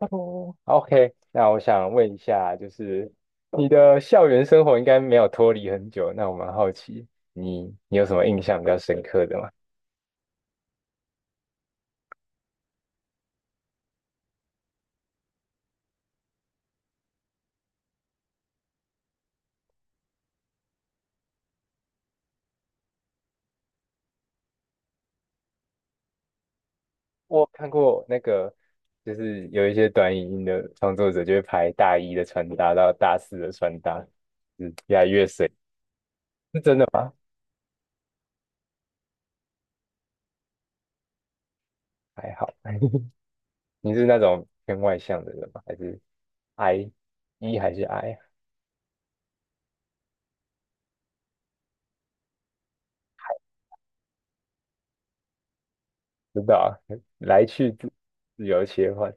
Hello，Hello，OK，那我想问一下，就是你的校园生活应该没有脱离很久，那我蛮好奇，你有什么印象比较深刻的吗？我看过那个，就是有一些短影音的创作者就会拍大一的穿搭到大四的穿搭，越来越水，还好。你是那种偏外向的人吗？I 还是 I？不知道啊，来去自由切换。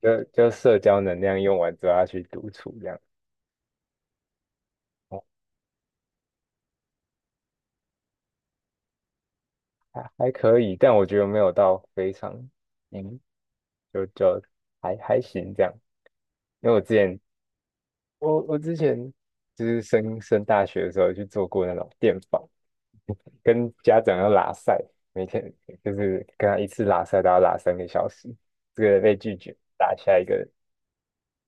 就社交能量用完之后，要去独处这样，哦，还可以，但我觉得没有到非常，嗯，就还行这样。因为我之前就是升大学的时候去做过那种电访，跟家长要拉塞，每天就是跟他一次拉塞都要拉三个小时，这个被拒绝，拉下一个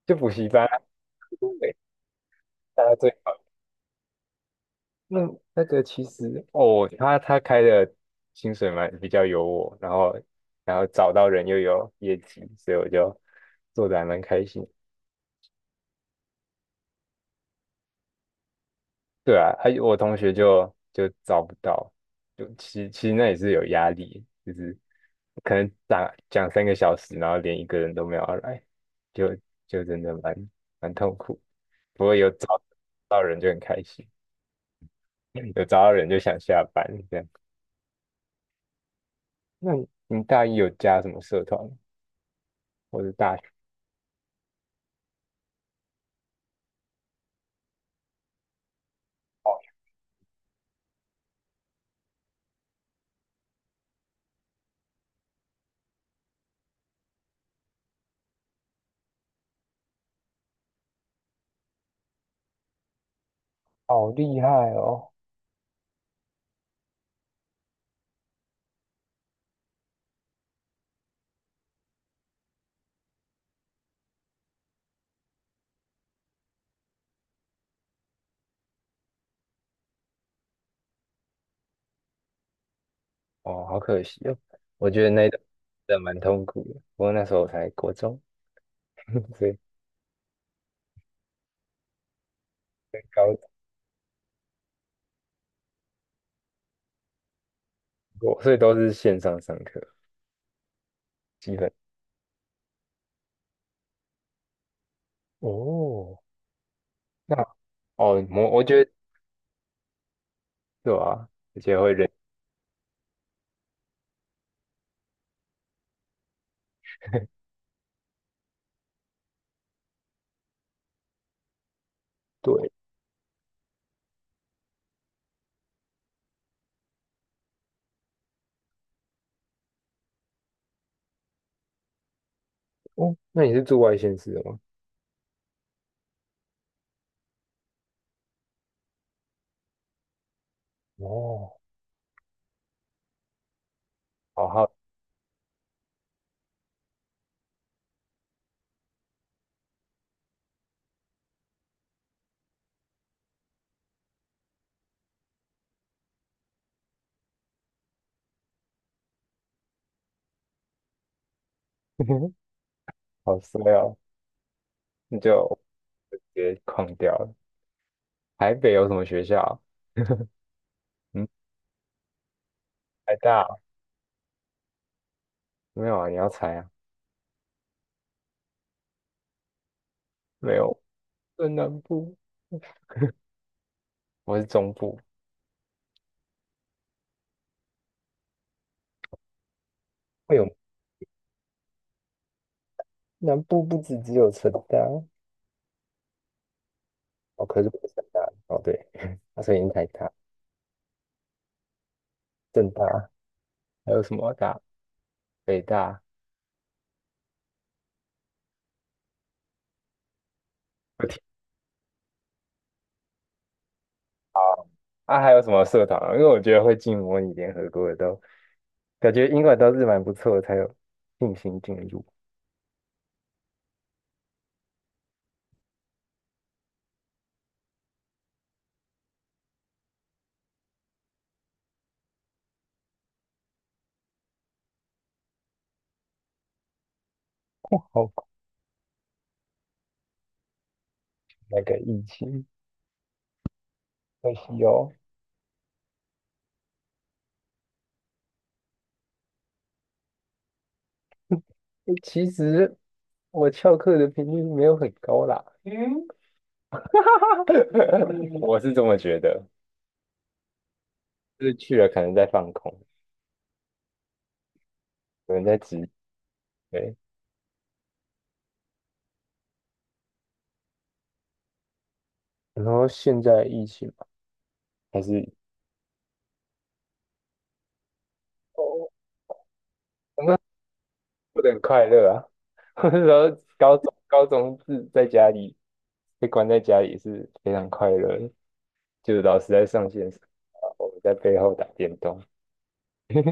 就补习班啊，对，大家最。那那个其实哦，他开的薪水蛮比较有我，然后找到人又有业绩，所以我就做的还蛮开心。对啊，还有我同学就找不到，就其实那也是有压力，就是可能打讲三个小时，然后连一个人都没有要来，就就真的蛮痛苦。不过有找到人就很开心，有找到人就想下班这样。那你大一有加什么社团吗或者大？好厉害哦！哦，好可惜哦。我觉得那一段真的蛮痛苦的，不过那时候我才国中，所以高我所以都是线上上课，基本哦，那哦，我觉得对吧？而且会人对哦。那你是住外县市的吗？哦，好好 好衰哦，你就直接框掉了。台北有什么学校 嗯，台大啊没有啊？你要猜啊？没有，在南部，我是中部，会有。南部不止只有成大哦，可是不是成大哦，对，它声音太大、正大还有什么大、北大，我天啊，还有什么社团啊？因为我觉得会进模拟联合国的都，感觉英国都是蛮不错的，才有信心进入。哦，那个疫情，可惜哦。诶其实我翘课的频率没有很高啦，嗯，我是这么觉得，就是去了可能在放空，有人在指，对。然后现在疫情嘛还是。哦。我们过得很快乐啊。我那时候高中是在家里被关在家里是非常快乐的，就是老师在上线时，我们在背后打电动，是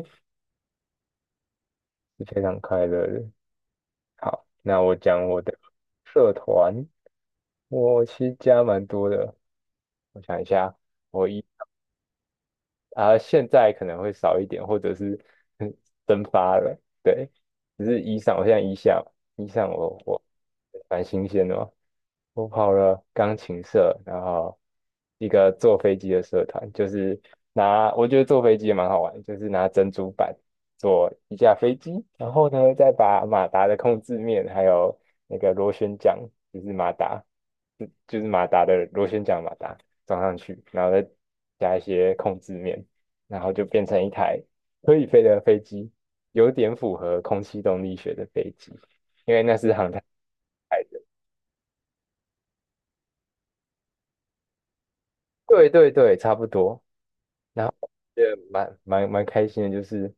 非常快乐的。好，那我讲我的社团，我其实加蛮多的，我想一下，我一啊、现在可能会少一点，或者是嗯 蒸发了。对，只是衣裳，我现在衣裳我蛮新鲜的嘛，我跑了钢琴社，然后一个坐飞机的社团，就是我觉得坐飞机也蛮好玩，就是拿珍珠板做一架飞机，然后呢再把马达的控制面还有那个螺旋桨，就是马达，就是马达的螺旋桨马达装上去，然后再加一些控制面。然后就变成一台可以飞的飞机，有点符合空气动力学的飞机，因为那是航太。对对对，差不多。然后也蛮开心的，就是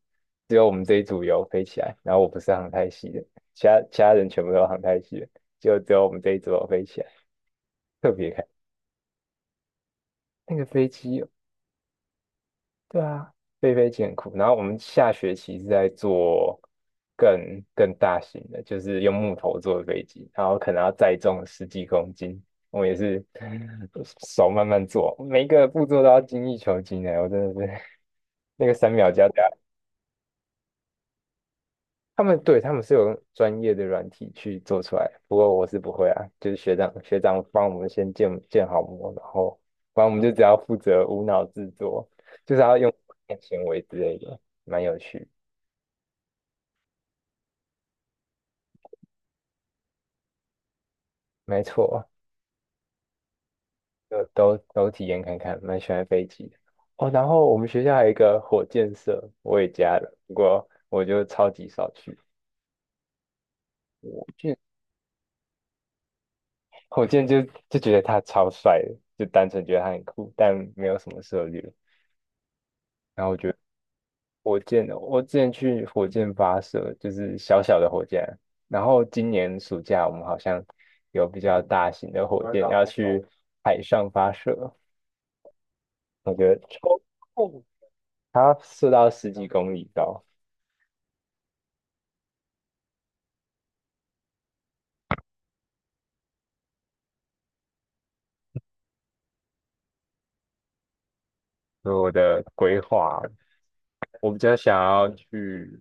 只有我们这一组有飞起来，然后我不是航太系的，其他人全部都是航太系的，就只有我们这一组有飞起来，特别开。那个飞机对啊，飞艰苦。然后我们下学期是在做更大型的，就是用木头做的飞机，然后可能要载重十几公斤。我们也是手慢慢做，每一个步骤都要精益求精的。我真的是 那个三秒胶带他们对他们是有用专业的软体去做出来，不过我是不会啊，就是学长帮我们先建好模，然后反正我们就只要负责无脑制作，就是要用行纤维之类的，蛮有趣，没错，就都体验看看，蛮喜欢飞机的哦。然后我们学校还有一个火箭社，我也加了，不过我就超级少去，就火箭就觉得他超帅的，就单纯觉得他很酷，但没有什么涉猎，然后我觉得。火箭哦，我之前去火箭发射，就是小小的火箭，然后今年暑假我们好像有比较大型的火箭要去海上发射，我觉得超酷，它要射到十几公里高，所以我的规划，我比较想要去，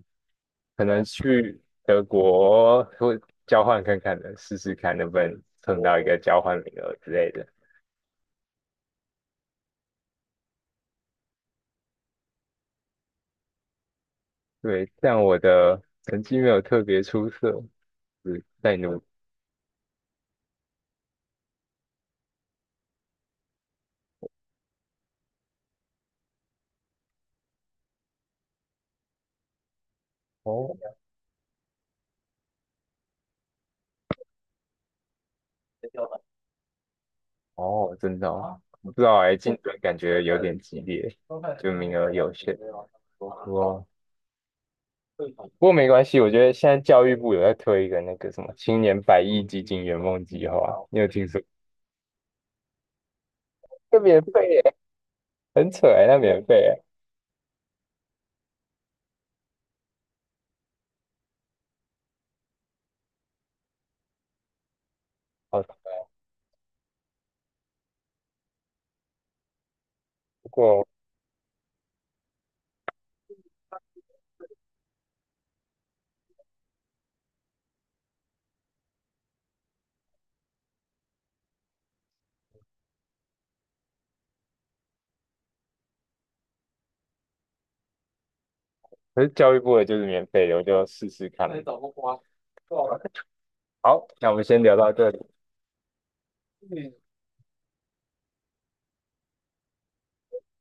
可能去德国会交换看看的，试试看能不能蹭到一个交换名额之类的。对，但我的成绩没有特别出色。是在努哦哦，真的哦，不知道哎，竞争感觉有点激烈，就名额有限。不过不过没关系，我觉得现在教育部有在推一个那个什么青年100亿基金圆梦计划，你有听说？那免费耶，很扯哎，那免费耶。好，不过可是教育部的就是免费的，我就试试看。好，那我们先聊到这里。